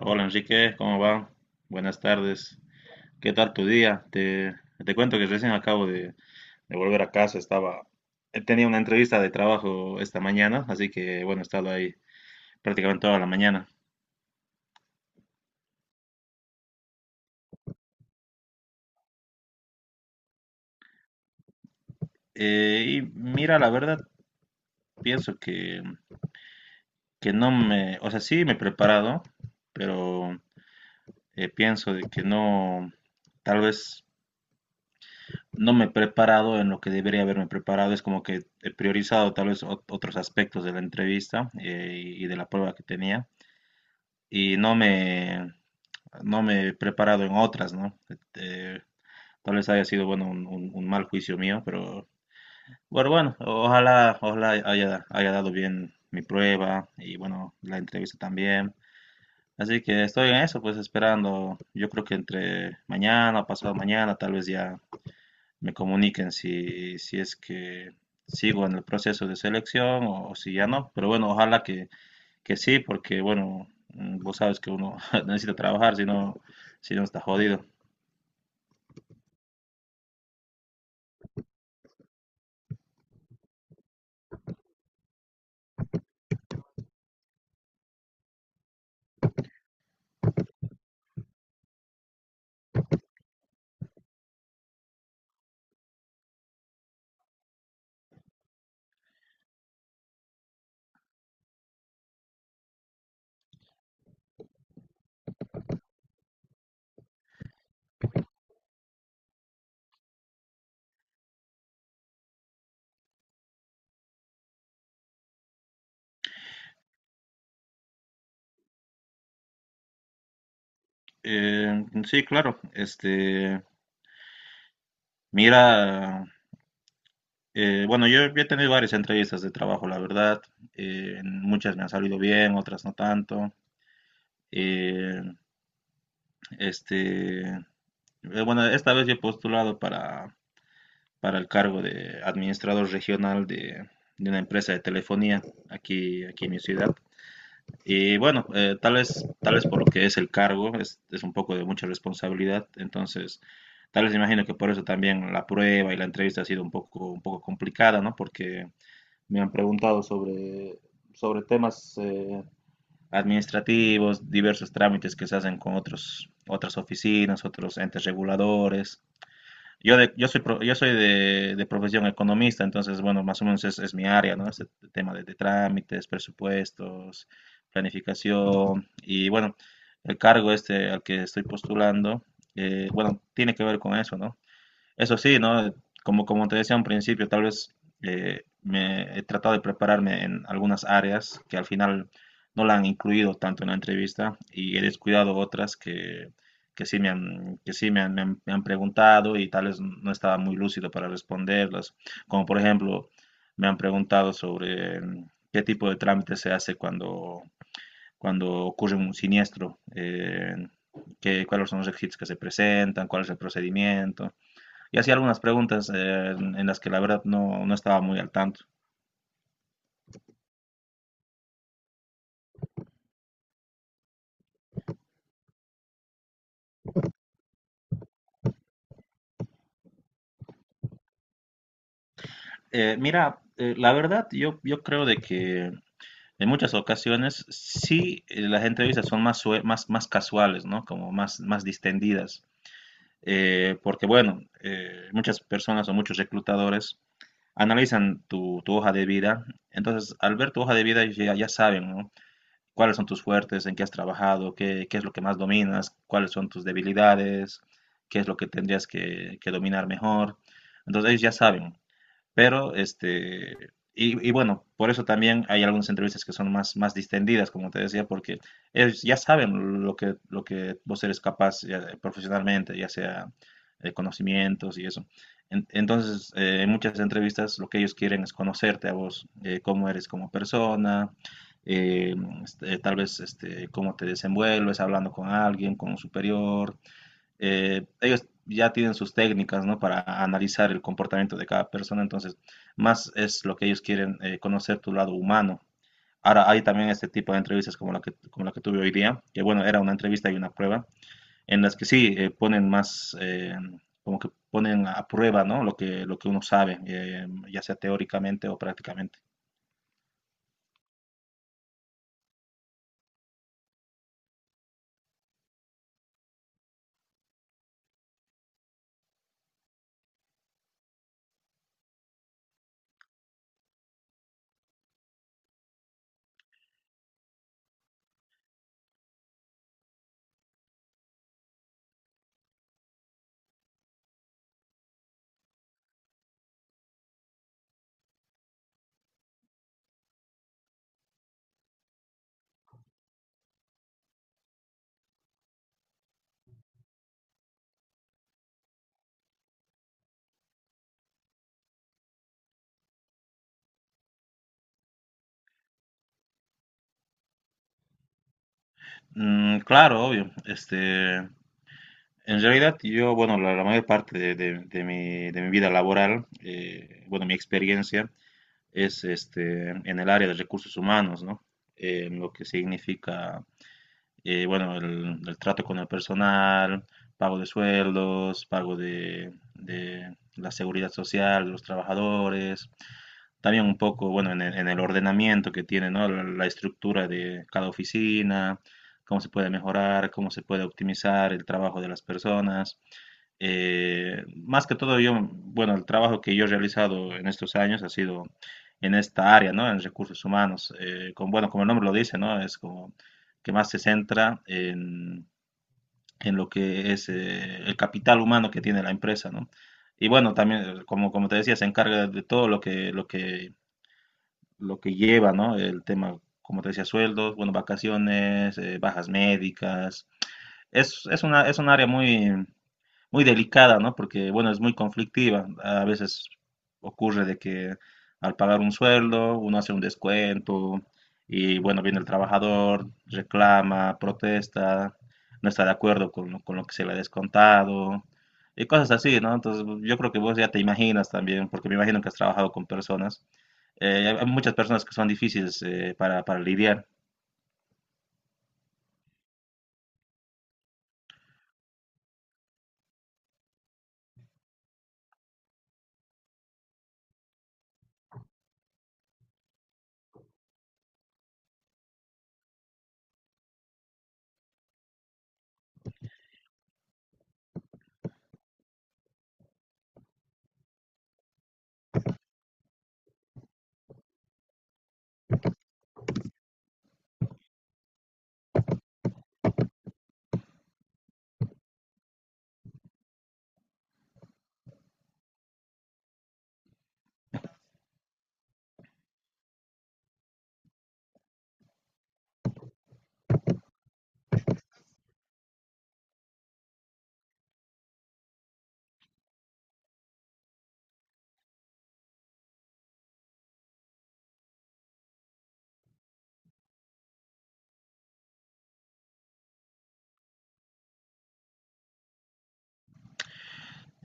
Hola Enrique, ¿cómo va? Buenas tardes. ¿Qué tal tu día? Te cuento que recién acabo de volver a casa. Tenía una entrevista de trabajo esta mañana, así que bueno, he estado ahí prácticamente toda la mañana. Y mira, la verdad, pienso que no me, o sea, sí me he preparado, pero pienso de que no, tal vez no me he preparado en lo que debería haberme preparado. Es como que he priorizado tal vez otros aspectos de la entrevista, y de la prueba que tenía y no me he preparado en otras, ¿no? Eh, Tal vez haya sido, bueno, un mal juicio mío, pero bueno, ojalá haya, haya dado bien mi prueba y bueno, la entrevista también. Así que estoy en eso, pues esperando, yo creo que entre mañana, pasado mañana, tal vez ya me comuniquen si es que sigo en el proceso de selección o si ya no. Pero bueno, que sí, porque bueno, vos sabes que uno necesita trabajar, si no, si no está jodido. Sí, claro, mira, bueno, yo he tenido varias entrevistas de trabajo, la verdad. En muchas me han salido bien, otras no tanto. Eh, este, eh, bueno, esta vez yo he postulado para el cargo de administrador regional de una empresa de telefonía aquí en mi ciudad. Y bueno, tal vez por lo que es el cargo, es un poco de mucha responsabilidad, entonces tal vez imagino que por eso también la prueba y la entrevista ha sido un poco complicada, ¿no? Porque me han preguntado sobre, sobre temas administrativos, diversos trámites que se hacen con otros, otras oficinas, otros entes reguladores. Yo soy de profesión economista, entonces, bueno, más o menos es mi área, ¿no? Este tema de trámites, presupuestos, planificación y, bueno, el cargo este al que estoy postulando, bueno, tiene que ver con eso, ¿no? Eso sí, ¿no? Como, como te decía un principio, tal vez me he tratado de prepararme en algunas áreas que al final no la han incluido tanto en la entrevista y he descuidado otras que sí me han, que sí me han, me han- me han preguntado y tal vez no estaba muy lúcido para responderlas. Como por ejemplo, me han preguntado sobre qué tipo de trámite se hace cuando, cuando ocurre un siniestro, cuáles son los requisitos que se presentan, cuál es el procedimiento, y hacía algunas preguntas en las que la verdad no, no estaba muy al tanto. Mira, la verdad yo, yo creo de que en muchas ocasiones sí, las entrevistas son más, más casuales, ¿no? Como más, más distendidas. Porque bueno, muchas personas o muchos reclutadores analizan tu hoja de vida. Entonces, al ver tu hoja de vida ya saben, ¿no? Cuáles son tus fuertes, en qué has trabajado, qué es lo que más dominas, cuáles son tus debilidades, qué es lo que que dominar mejor. Entonces ellos ya saben, pero, y bueno, por eso también hay algunas entrevistas que son más, más distendidas, como te decía, porque ellos ya saben lo que vos eres capaz ya, profesionalmente, ya sea conocimientos y eso. Entonces, en muchas entrevistas lo que ellos quieren es conocerte a vos, cómo eres como persona, eh, cómo te desenvuelves hablando con alguien, con un superior, ellos ya tienen sus técnicas, ¿no? Para analizar el comportamiento de cada persona, entonces más es lo que ellos quieren, conocer tu lado humano. Ahora hay también este tipo de entrevistas como la que tuve hoy día, que bueno, era una entrevista y una prueba, en las que sí, como que ponen a prueba, ¿no? Lo que uno sabe, ya sea teóricamente o prácticamente. Mm, claro, obvio. En realidad yo, bueno, la mayor parte de mi vida laboral, bueno, mi experiencia, es en el área de recursos humanos, ¿no? Lo que significa, bueno, trato con el personal, pago de sueldos, pago de la seguridad social de los trabajadores, también un poco, bueno, en el ordenamiento que tiene, ¿no? La estructura de cada oficina, cómo se puede mejorar, cómo se puede optimizar el trabajo de las personas. Más que todo yo, bueno, el trabajo que yo he realizado en estos años ha sido en esta área, ¿no? En recursos humanos, con, bueno, como el nombre lo dice, ¿no? Es como que más se centra en lo que es el capital humano que tiene la empresa, ¿no? Y bueno, también, como, como te decía, se encarga de todo lo que lleva, ¿no? El tema, como te decía, sueldos, bueno, vacaciones, bajas médicas. Es un área muy, muy delicada, ¿no? Porque, bueno, es muy conflictiva. A veces ocurre de que al pagar un sueldo, uno hace un descuento y, bueno, viene el trabajador, reclama, protesta, no está de acuerdo con, con lo que se le ha descontado y cosas así, ¿no? Entonces, yo creo que vos ya te imaginas también, porque me imagino que has trabajado con personas. Hay muchas personas que son difíciles, para lidiar.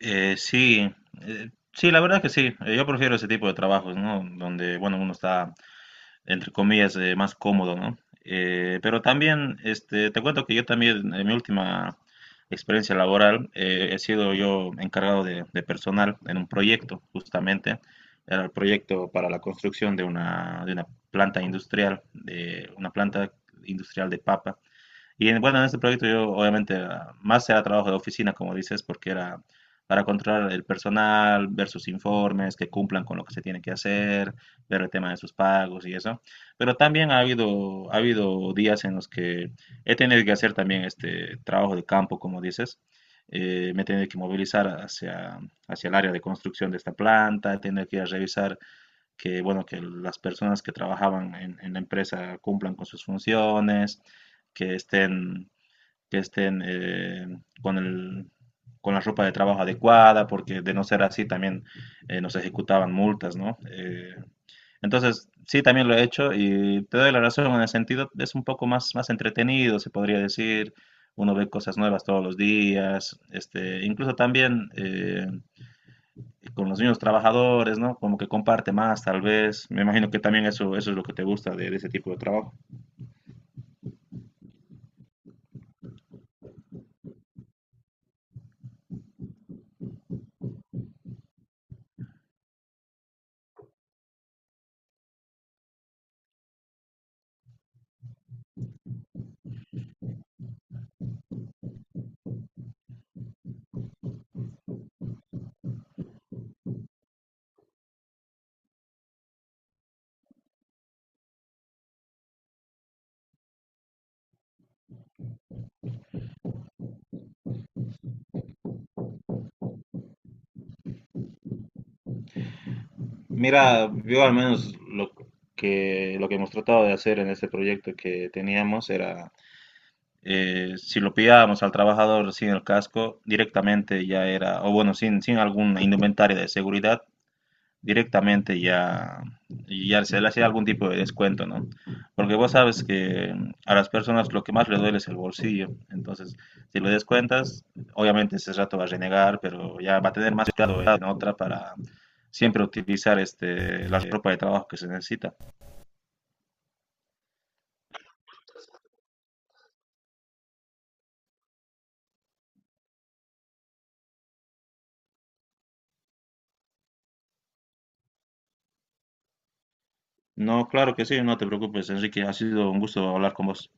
Eh, sí, sí, la verdad que sí. Yo prefiero ese tipo de trabajos, ¿no? Donde, bueno, uno está entre comillas, más cómodo, ¿no? Pero también, te cuento que yo también, en mi última experiencia laboral, he sido yo encargado de personal en un proyecto, justamente. Era el proyecto para la construcción de una planta industrial, de una planta industrial de papa. Bueno, en este proyecto yo obviamente más era trabajo de oficina, como dices, porque era para controlar el personal, ver sus informes, que cumplan con lo que se tiene que hacer, ver el tema de sus pagos y eso. Pero también ha habido días en los que he tenido que hacer también este trabajo de campo, como dices. Me he tenido que movilizar hacia, hacia el área de construcción de esta planta, he tenido que ir a revisar que, bueno, que las personas que trabajaban en la empresa cumplan con sus funciones, que estén, que estén con el, con la ropa de trabajo adecuada, porque de no ser así también nos ejecutaban multas, ¿no? Entonces, sí, también lo he hecho y te doy la razón en el sentido, es un poco más, más entretenido, se podría decir, uno ve cosas nuevas todos los días, incluso también con los mismos trabajadores, ¿no? Como que comparte más, tal vez. Me imagino que también eso es lo que te gusta de ese tipo de trabajo. Mira, yo al menos lo que hemos tratado de hacer en este proyecto que teníamos era, si lo pillábamos al trabajador sin el casco, directamente ya era, o bueno, sin, sin algún indumentaria de seguridad, directamente ya se le hace algún tipo de descuento, ¿no? Porque vos sabes que a las personas lo que más les duele es el bolsillo, entonces si lo descuentas, obviamente ese rato va a renegar, pero ya va a tener más cuidado en otra para siempre utilizar la ropa de trabajo que se necesita. No, claro que sí, no te preocupes, Enrique, ha sido un gusto hablar con vos.